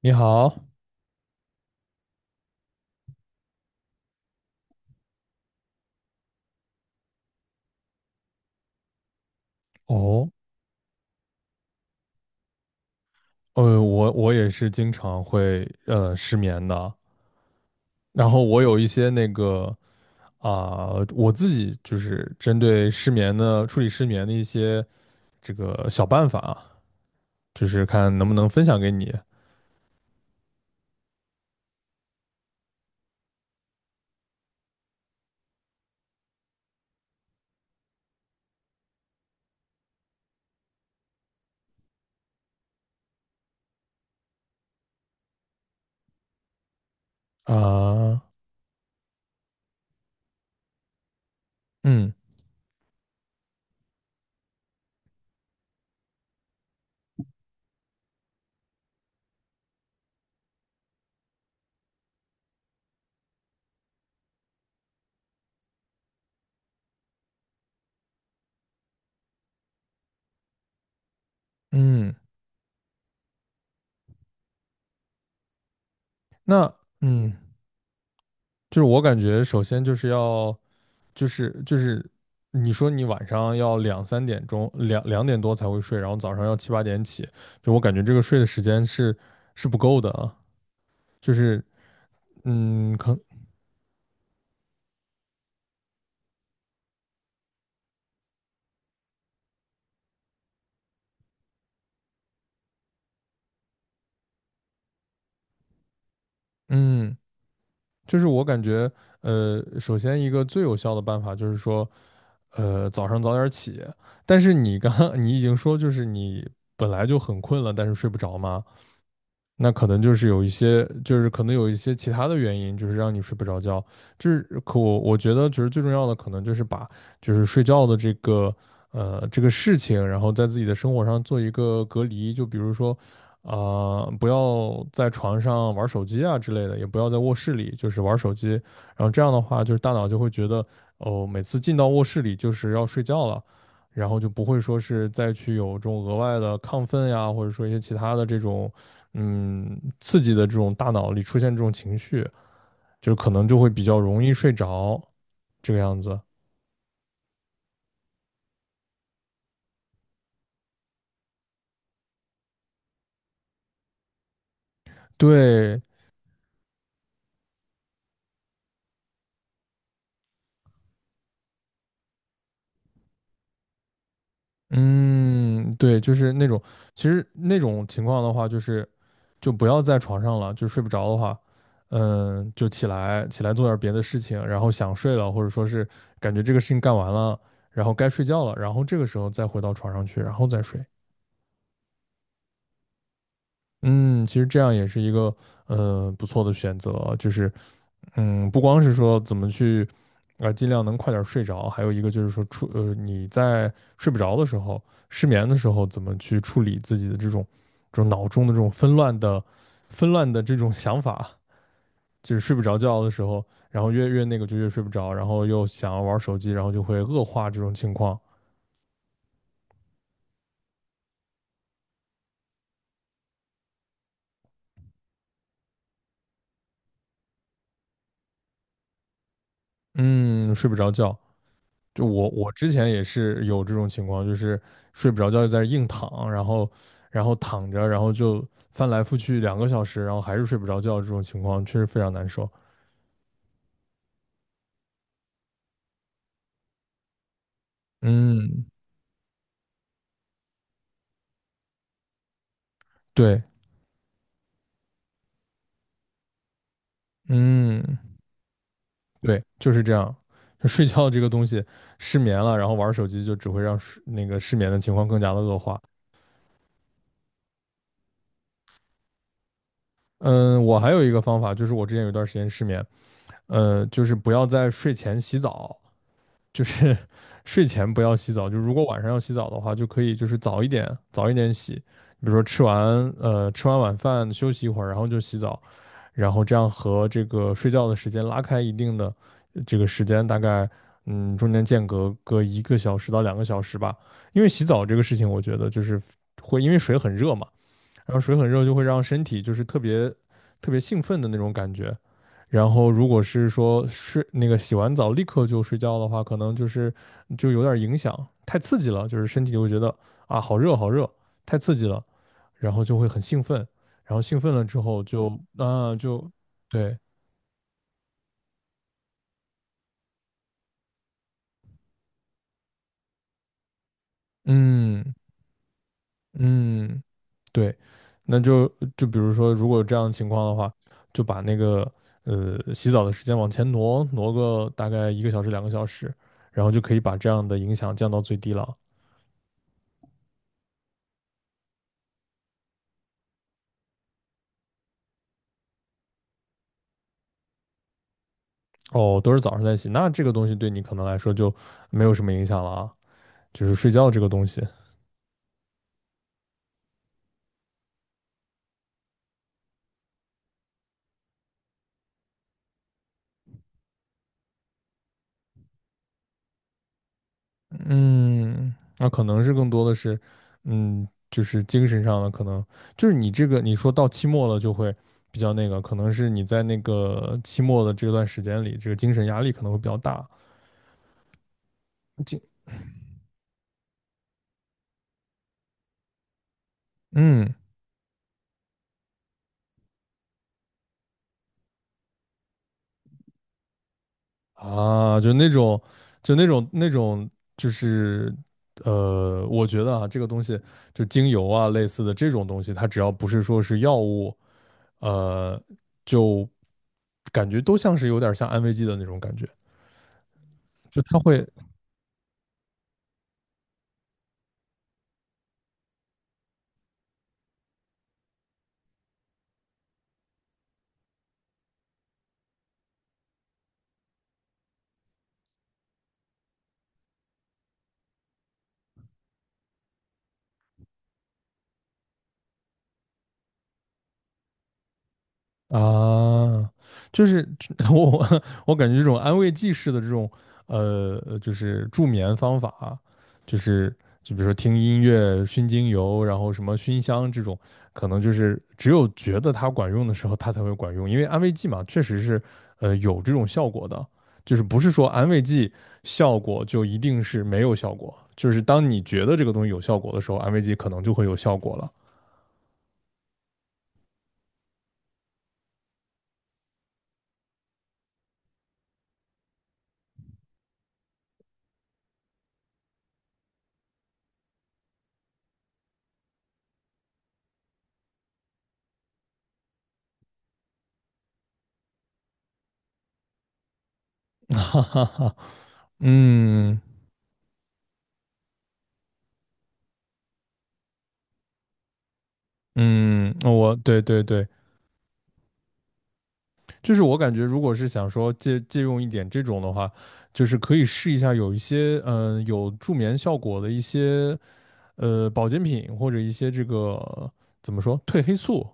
你好。哦，我也是经常会失眠的。然后我有一些那个，啊、我自己就是针对失眠的，处理失眠的一些这个小办法啊，就是看能不能分享给你。啊、嗯嗯，那嗯。就是我感觉，首先就是要，就是你说你晚上要两三点钟，两点多才会睡，然后早上要七八点起，就我感觉这个睡的时间是不够的啊。就是嗯，嗯，就是我感觉，首先一个最有效的办法就是说，早上早点起。但是你已经说，就是你本来就很困了，但是睡不着吗？那可能就是有一些，就是可能有一些其他的原因，就是让你睡不着觉。就是可我觉得，就是最重要的，可能就是把就是睡觉的这个，这个事情，然后在自己的生活上做一个隔离。就比如说，啊、不要在床上玩手机啊之类的，也不要在卧室里就是玩手机。然后这样的话，就是大脑就会觉得，哦，每次进到卧室里就是要睡觉了。然后就不会说是再去有这种额外的亢奋呀，或者说一些其他的这种刺激的这种大脑里出现这种情绪，就可能就会比较容易睡着，这个样子。对，嗯，对，就是那种。其实那种情况的话，就是就不要在床上了，就睡不着的话，就起来做点别的事情，然后想睡了，或者说是感觉这个事情干完了，然后该睡觉了，然后这个时候再回到床上去，然后再睡。嗯，其实这样也是一个不错的选择。就是嗯，不光是说怎么去，尽量能快点儿睡着，还有一个就是说你在睡不着的时候、失眠的时候，怎么去处理自己的这种脑中的这种纷乱的这种想法，就是睡不着觉的时候，然后越那个就越睡不着，然后又想要玩手机，然后就会恶化这种情况。嗯，睡不着觉，就我之前也是有这种情况，就是睡不着觉就在那儿硬躺，然后躺着，然后就翻来覆去两个小时，然后还是睡不着觉，这种情况确实非常难受。嗯，对，嗯，对，就是这样。就睡觉这个东西，失眠了，然后玩手机就只会让那个失眠的情况更加的恶化。嗯，我还有一个方法，就是我之前有一段时间失眠，就是不要在睡前洗澡，就是 睡前不要洗澡，就如果晚上要洗澡的话，就可以就是早一点，洗。比如说吃完晚饭休息一会儿，然后就洗澡，然后这样和这个睡觉的时间拉开一定的，这个时间，大概中间间隔个一个小时到两个小时吧。因为洗澡这个事情，我觉得就是会因为水很热嘛，然后水很热就会让身体就是特别特别兴奋的那种感觉。然后如果是说那个洗完澡立刻就睡觉的话，可能就是就有点影响，太刺激了，就是身体就会觉得啊好热好热，太刺激了，然后就会很兴奋，然后兴奋了之后就啊就对。嗯嗯。对，那就比如说，如果有这样的情况的话，就把那个洗澡的时间往前挪，挪个大概一个小时、两个小时，然后就可以把这样的影响降到最低了。哦，都是早上在洗，那这个东西对你可能来说就没有什么影响了啊。就是睡觉这个东西，嗯，那可能是更多的是，嗯，就是精神上的，可能就是你这个你说到期末了就会比较那个，可能是你在那个期末的这段时间里，这个精神压力可能会比较大。就嗯就那种，就那种那种，就是我觉得啊，这个东西就精油啊类似的这种东西，它只要不是说是药物，呃，就感觉都像是有点像安慰剂的那种感觉，就它会啊，就是 我感觉这种安慰剂式的这种，就是助眠方法，就是就比如说听音乐、熏精油，然后什么熏香这种，可能就是只有觉得它管用的时候，它才会管用。因为安慰剂嘛，确实是有这种效果的，就是不是说安慰剂效果就一定是没有效果，就是当你觉得这个东西有效果的时候，安慰剂可能就会有效果了。哈哈哈。嗯。嗯，我对对对，就是我感觉，如果是想说借用一点这种的话，就是可以试一下有一些有助眠效果的一些保健品，或者一些这个怎么说褪黑素，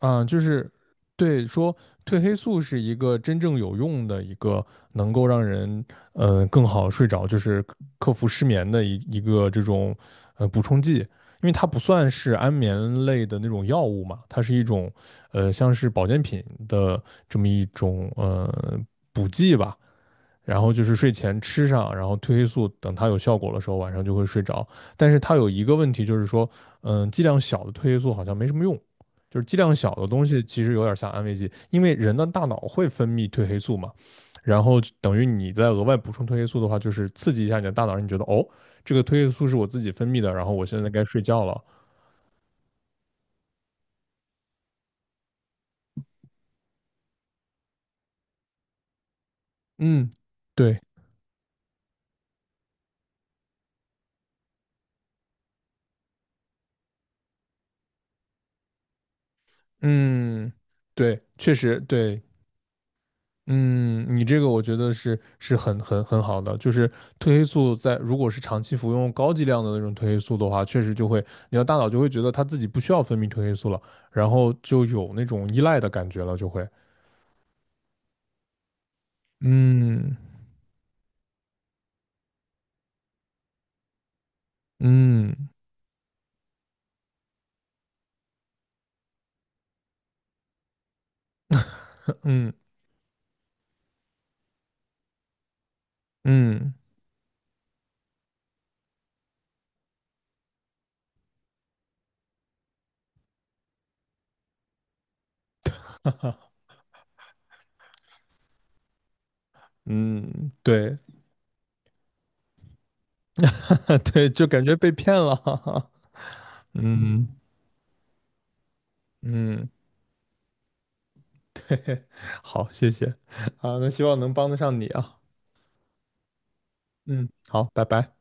嗯，就是对说褪黑素是一个真正有用的一个，能够让人更好睡着，就是克服失眠的一个这种补充剂，因为它不算是安眠类的那种药物嘛，它是一种像是保健品的这么一种补剂吧。然后就是睡前吃上，然后褪黑素等它有效果的时候，晚上就会睡着。但是它有一个问题，就是说，剂量小的褪黑素好像没什么用，就是剂量小的东西其实有点像安慰剂，因为人的大脑会分泌褪黑素嘛，然后等于你再额外补充褪黑素的话，就是刺激一下你的大脑，让你觉得哦，这个褪黑素是我自己分泌的，然后我现在该睡觉了。嗯，对，嗯，对，确实对。嗯，你这个我觉得是很好的，就是褪黑素，在如果是长期服用高剂量的那种褪黑素的话，确实就会你的大脑就会觉得它自己不需要分泌褪黑素了，然后就有那种依赖的感觉了，就会，嗯嗯嗯嗯。哈哈。嗯，对 对，就感觉被骗了。哈哈。嗯嗯。好，谢谢，啊，那希望能帮得上你啊。嗯，好，拜拜。